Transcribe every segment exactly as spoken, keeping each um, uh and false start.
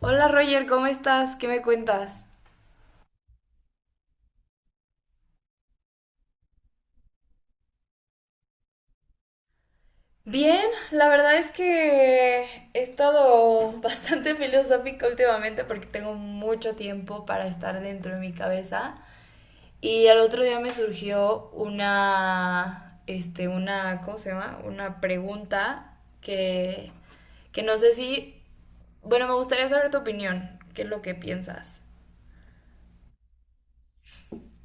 Hola Roger, ¿cómo estás? ¿Qué me cuentas? Bien, la verdad es que he estado bastante filosófica últimamente porque tengo mucho tiempo para estar dentro de mi cabeza y al otro día me surgió una, este, una, ¿cómo se llama? Una pregunta que, que no sé si, bueno, me gustaría saber tu opinión, qué es lo que piensas.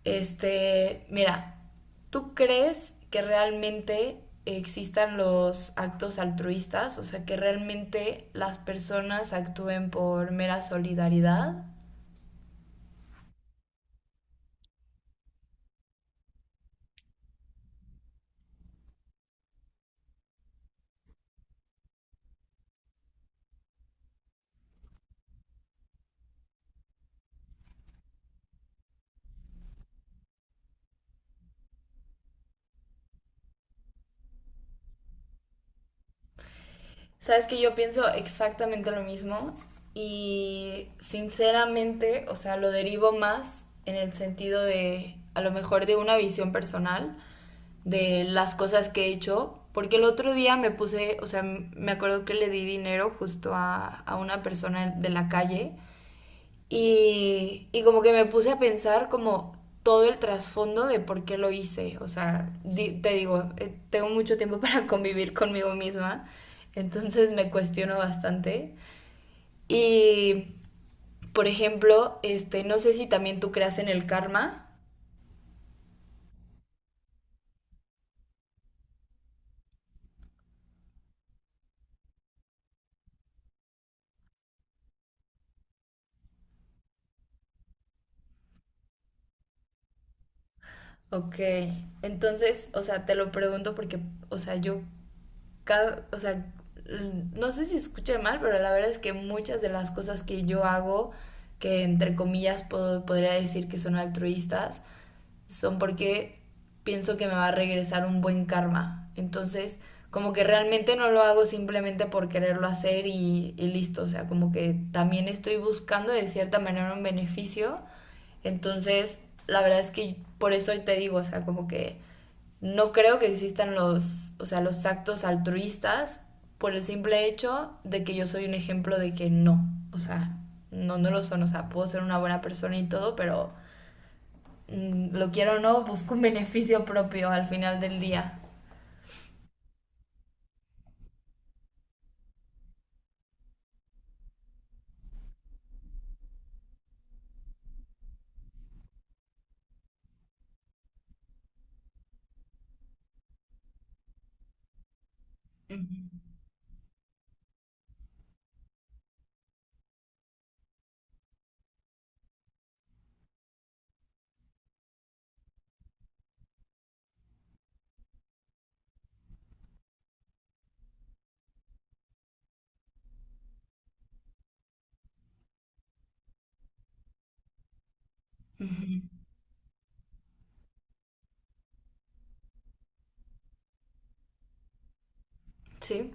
Este, mira, ¿tú crees que realmente existan los actos altruistas? O sea, que realmente las personas actúen por mera solidaridad. Sabes que yo pienso exactamente lo mismo y sinceramente, o sea, lo derivo más en el sentido de a lo mejor de una visión personal de las cosas que he hecho, porque el otro día me puse, o sea, me acuerdo que le di dinero justo a, a una persona de la calle y, y como que me puse a pensar como todo el trasfondo de por qué lo hice, o sea, di- te digo, eh, tengo mucho tiempo para convivir conmigo misma, entonces me cuestiono bastante. Y, por ejemplo, este, no sé si también tú creas en el karma. Ok, entonces, o sea, te lo pregunto porque, o sea, yo cada, o sea, no sé si escuché mal, pero la verdad es que muchas de las cosas que yo hago, que entre comillas puedo, podría decir que son altruistas, son porque pienso que me va a regresar un buen karma. Entonces, como que realmente no lo hago simplemente por quererlo hacer y, y listo. O sea, como que también estoy buscando de cierta manera un beneficio. Entonces, la verdad es que por eso te digo, o sea, como que no creo que existan los, o sea, los actos altruistas por el simple hecho de que yo soy un ejemplo de que no, o sea, no, no lo son, o sea, puedo ser una buena persona y todo, pero mm, lo quiero o no, busco un beneficio propio al final del día. Ujú, ujú. Sí,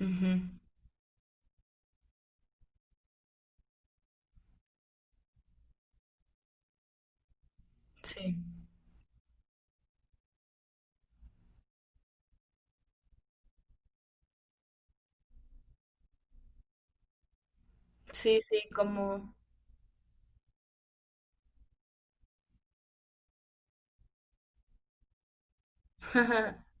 ujú, sí, sí, sí, como...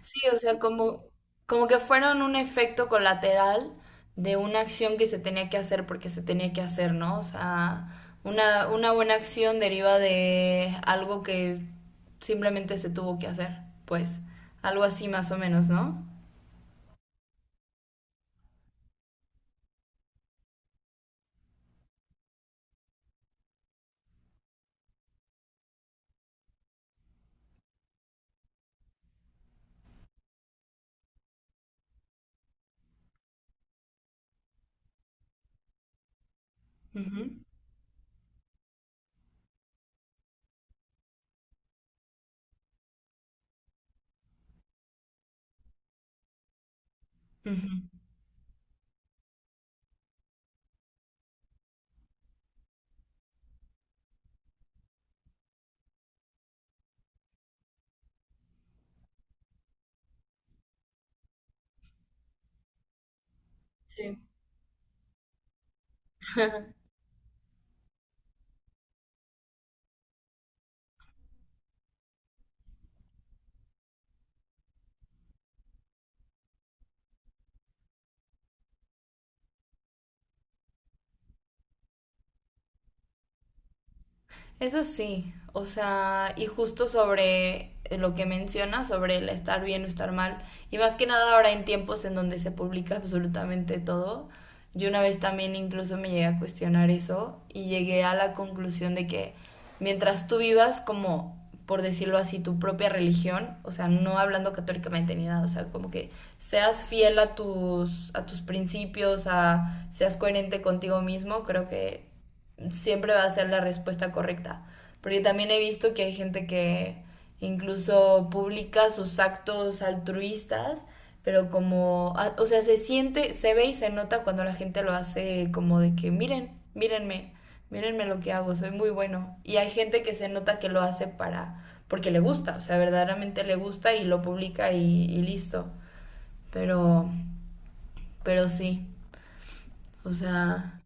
Sí, o sea, como, como que fueron un efecto colateral de una acción que se tenía que hacer porque se tenía que hacer, ¿no? O sea, una, una buena acción deriva de algo que simplemente se tuvo que hacer, pues, algo así más o menos, ¿no? Ujú, ujú, sí. Eso sí, o sea, y justo sobre lo que menciona, sobre el estar bien o estar mal, y más que nada ahora en tiempos en donde se publica absolutamente todo, yo una vez también incluso me llegué a cuestionar eso y llegué a la conclusión de que mientras tú vivas como, por decirlo así, tu propia religión, o sea, no hablando católicamente ni nada, o sea, como que seas fiel a tus, a tus principios, a, seas coherente contigo mismo, creo que siempre va a ser la respuesta correcta. Porque también he visto que hay gente que incluso publica sus actos altruistas, pero como, ah, o sea, se siente, se ve y se nota cuando la gente lo hace como de que miren, mírenme, mírenme lo que hago, soy muy bueno. Y hay gente que se nota que lo hace para, porque le gusta, o sea, verdaderamente le gusta y lo publica y, y listo. Pero, pero sí, o sea,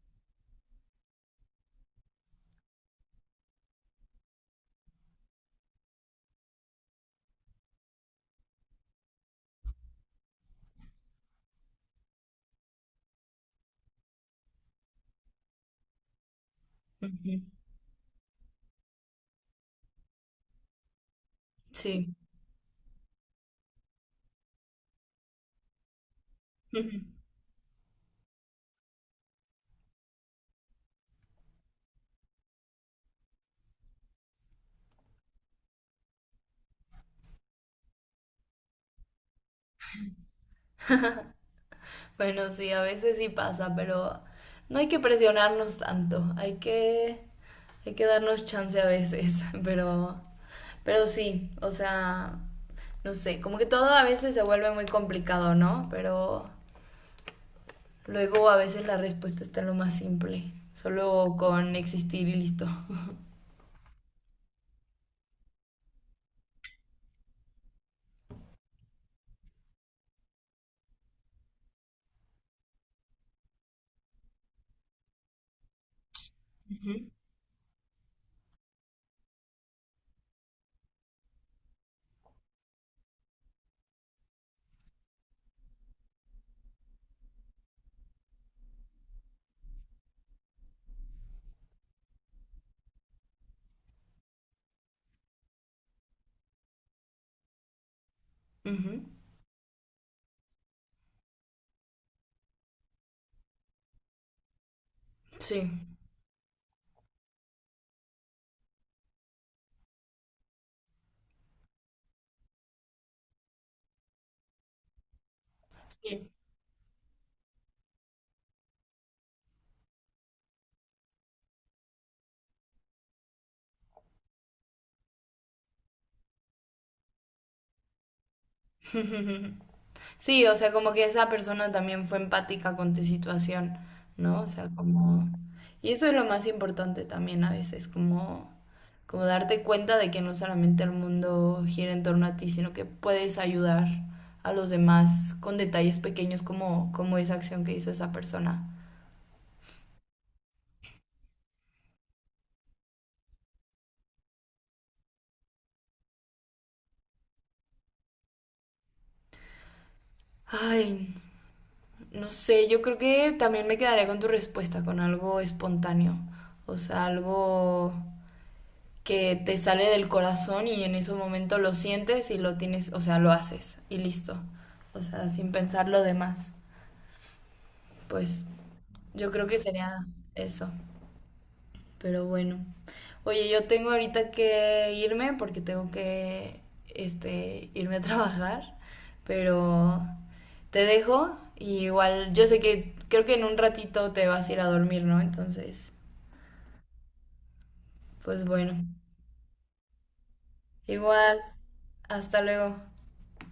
ujú, sí. Ujú. Bueno, sí, a veces sí pasa, pero no hay que presionarnos tanto, hay que, hay que darnos chance a veces, pero, pero sí, o sea, no sé, como que todo a veces se vuelve muy complicado, ¿no? Pero luego a veces la respuesta está en lo más simple, solo con existir y listo. Ujú. Ujú, sí. Sí. Sí, o sea, como que esa persona también fue empática con tu situación, ¿no? O sea, como... Y eso es lo más importante también a veces, como, como darte cuenta de que no solamente el mundo gira en torno a ti, sino que puedes ayudar a los demás con detalles pequeños como, como esa acción que hizo esa persona. Ay, no sé, yo creo que también me quedaría con tu respuesta, con algo espontáneo, o sea, algo que te sale del corazón y en ese momento lo sientes y lo tienes, o sea, lo haces y listo. O sea, sin pensar lo demás. Pues yo creo que sería eso. Pero bueno. Oye, yo tengo ahorita que irme porque tengo que este irme a trabajar, pero te dejo y igual yo sé que creo que en un ratito te vas a ir a dormir, ¿no? Entonces, pues bueno. Igual, hasta luego.